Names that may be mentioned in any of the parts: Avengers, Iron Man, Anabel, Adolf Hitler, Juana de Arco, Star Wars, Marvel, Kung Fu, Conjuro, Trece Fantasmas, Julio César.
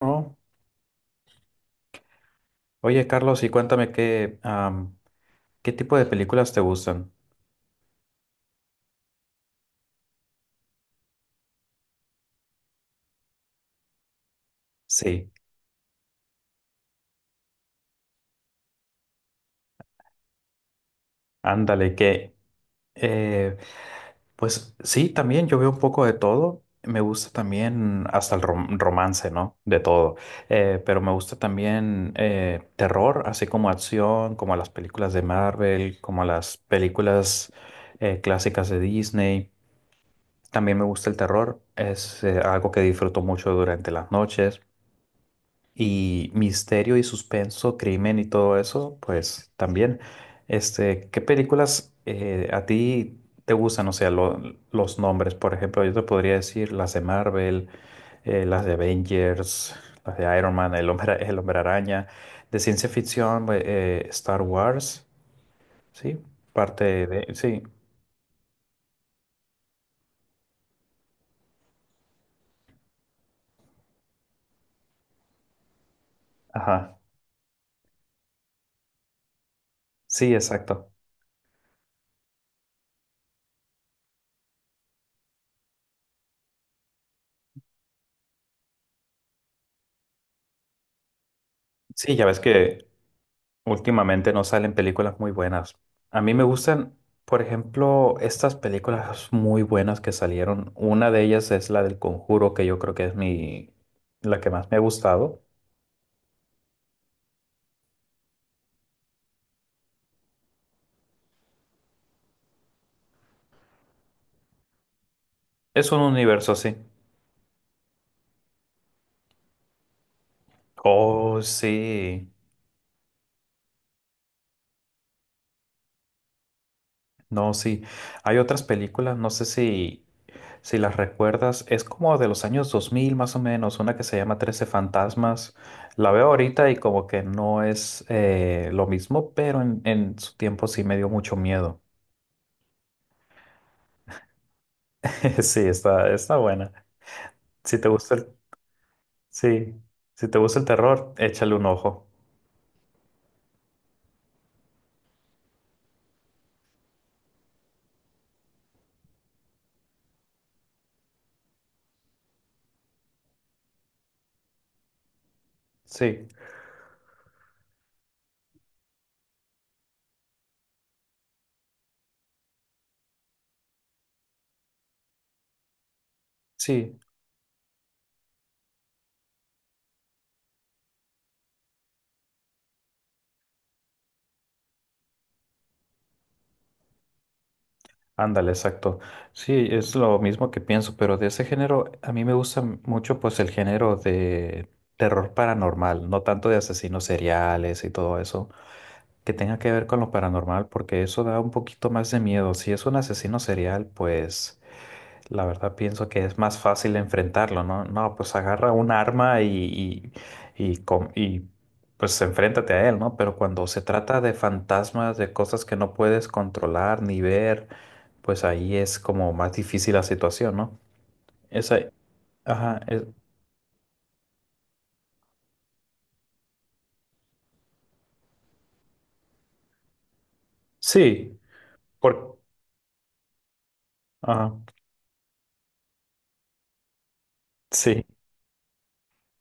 Oh, oye, Carlos, y cuéntame qué, qué tipo de películas te gustan. Sí, ándale, que eh, pues sí, también yo veo un poco de todo. Me gusta también hasta el romance, ¿no? De todo. Pero me gusta también terror, así como acción, como las películas de Marvel, como las películas clásicas de Disney. También me gusta el terror, es algo que disfruto mucho durante las noches. Y misterio y suspenso, crimen y todo eso, pues también. Este, ¿qué películas a ti te gustan? O sea, los nombres, por ejemplo, yo te podría decir las de Marvel, las de Avengers, las de Iron Man, el hombre araña, de ciencia ficción, Star Wars, ¿sí? Parte de, sí, ajá, sí, exacto. Sí, ya ves que últimamente no salen películas muy buenas. A mí me gustan, por ejemplo, estas películas muy buenas que salieron. Una de ellas es la del Conjuro, que yo creo que es mi la que más me ha gustado. Es un universo así. Oh, sí. No, sí. Hay otras películas, no sé si si las recuerdas, es como de los años 2000 más o menos, una que se llama Trece Fantasmas. La veo ahorita y como que no es lo mismo, pero en su tiempo sí me dio mucho miedo. Sí, está, está buena. Si te gusta el, sí, si te gusta el terror, échale un ojo. Sí, sí, ándale, exacto. Sí, es lo mismo que pienso, pero de ese género, a mí me gusta mucho pues el género de terror paranormal, no tanto de asesinos seriales y todo eso, que tenga que ver con lo paranormal, porque eso da un poquito más de miedo. Si es un asesino serial, pues la verdad pienso que es más fácil enfrentarlo, ¿no? No, pues agarra un arma y, pues enfréntate a él, ¿no? Pero cuando se trata de fantasmas, de cosas que no puedes controlar ni ver, pues ahí es como más difícil la situación, ¿no? Esa, ajá, sí, por, ajá, sí.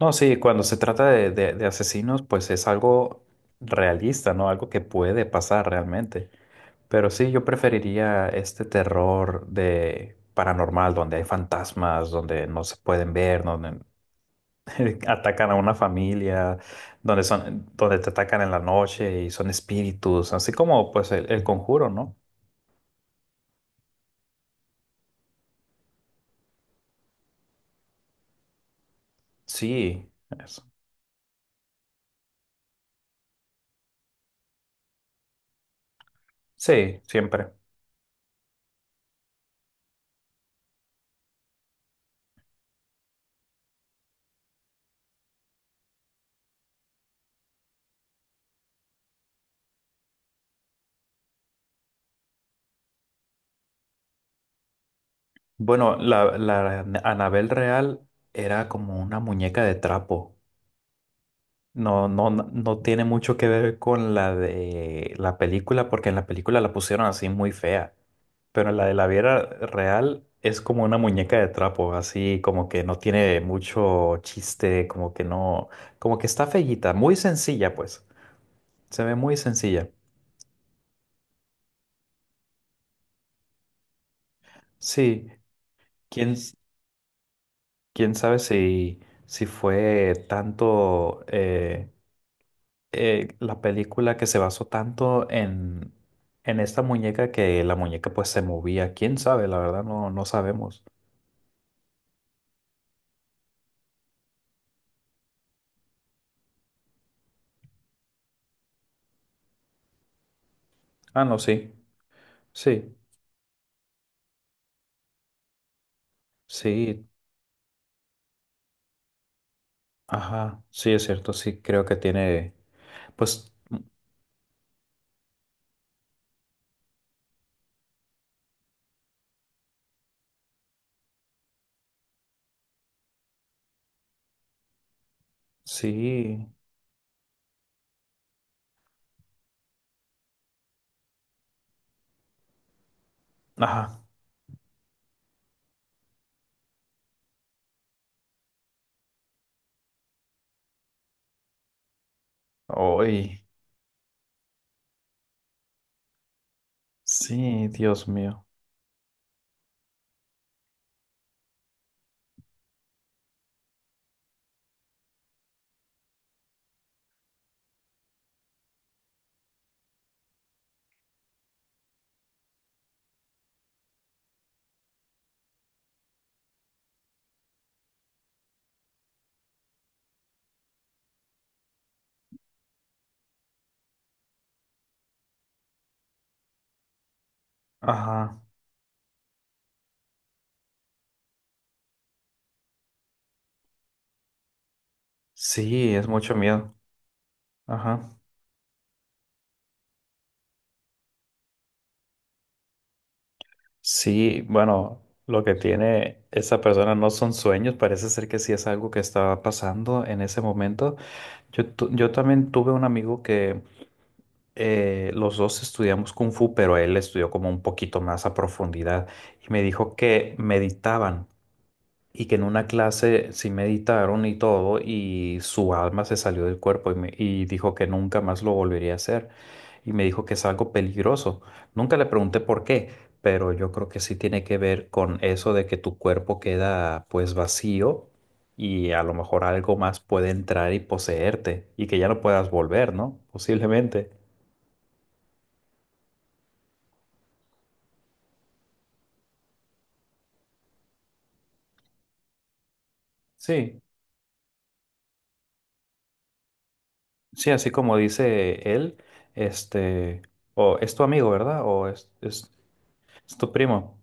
No, sí, cuando se trata de, de asesinos, pues es algo realista, ¿no? Algo que puede pasar realmente. Pero sí, yo preferiría este terror de paranormal, donde hay fantasmas, donde no se pueden ver, donde atacan a una familia, donde son, donde te atacan en la noche y son espíritus, así como pues el conjuro, ¿no? Sí, eso. Sí, siempre. Bueno, la, la Anabel real era como una muñeca de trapo. No, no, no tiene mucho que ver con la de la película, porque en la película la pusieron así muy fea. Pero la de la Viera real es como una muñeca de trapo, así como que no tiene mucho chiste, como que no, como que está feíta, muy sencilla, pues. Se ve muy sencilla. Sí, quién, quién sabe si, si fue tanto. La película que se basó tanto en esta muñeca que la muñeca pues se movía. ¿Quién sabe? La verdad no, no sabemos. Ah, no, sí, sí, sí, ajá, sí es cierto, sí, creo que tiene, pues sí, ajá, hoy, sí, Dios mío, ajá, sí, es mucho miedo, ajá, sí, bueno. Lo que tiene esa persona no son sueños, parece ser que sí es algo que estaba pasando en ese momento. Yo, yo también tuve un amigo que los dos estudiamos Kung Fu, pero él estudió como un poquito más a profundidad y me dijo que meditaban y que en una clase sí meditaron y todo, y su alma se salió del cuerpo y, y dijo que nunca más lo volvería a hacer. Y me dijo que es algo peligroso. Nunca le pregunté por qué, pero yo creo que sí tiene que ver con eso de que tu cuerpo queda pues vacío y a lo mejor algo más puede entrar y poseerte y que ya no puedas volver, ¿no? Posiblemente. Sí, sí, así como dice él, este, ¿o es tu amigo, ¿verdad? O es tu primo.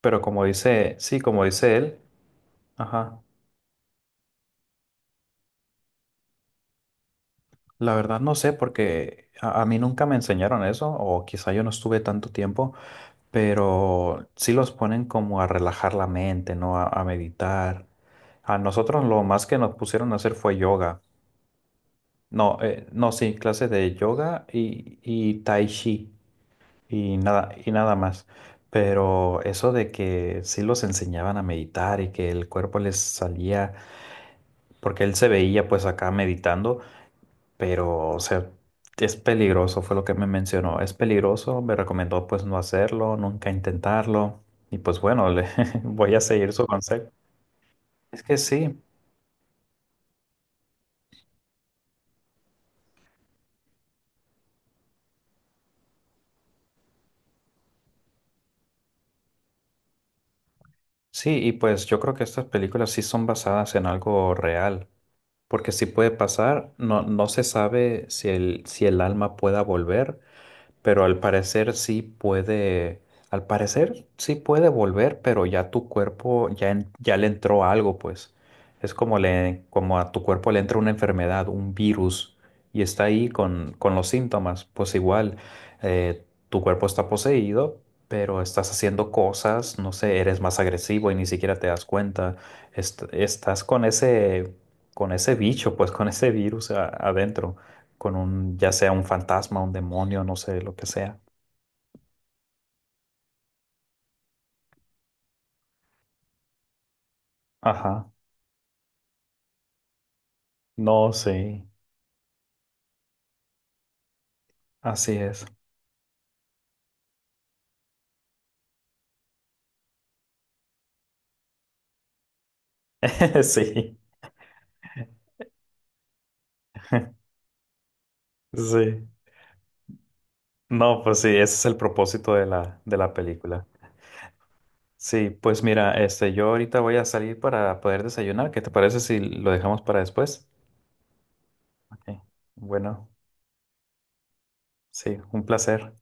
Pero como dice, sí, como dice él, ajá, la verdad no sé porque a mí nunca me enseñaron eso o quizá yo no estuve tanto tiempo, pero sí los ponen como a relajar la mente, ¿no? A meditar. A nosotros lo más que nos pusieron a hacer fue yoga. No, no, sí, clase de yoga y tai chi y nada más. Pero eso de que sí los enseñaban a meditar y que el cuerpo les salía, porque él se veía pues acá meditando. Pero, o sea, es peligroso, fue lo que me mencionó. Es peligroso, me recomendó pues no hacerlo, nunca intentarlo. Y pues bueno, voy a seguir su consejo. Es que sí, sí, y pues yo creo que estas películas sí son basadas en algo real, porque sí puede pasar, no, no se sabe si el, si el alma pueda volver, pero al parecer sí puede, al parecer sí puede volver, pero ya tu cuerpo ya, ya le entró algo, pues. Es como le, como a tu cuerpo le entra una enfermedad, un virus, y está ahí con los síntomas. Pues igual, tu cuerpo está poseído, pero estás haciendo cosas, no sé, eres más agresivo y ni siquiera te das cuenta. Estás con ese bicho, pues con ese virus adentro con un, ya sea un fantasma, un demonio, no sé, lo que sea. Ajá. No, sí, así es. Sí, sí. No, pues sí, ese es el propósito de la película. Sí, pues mira, este, yo ahorita voy a salir para poder desayunar. ¿Qué te parece si lo dejamos para después? Ok. Bueno, sí, un placer.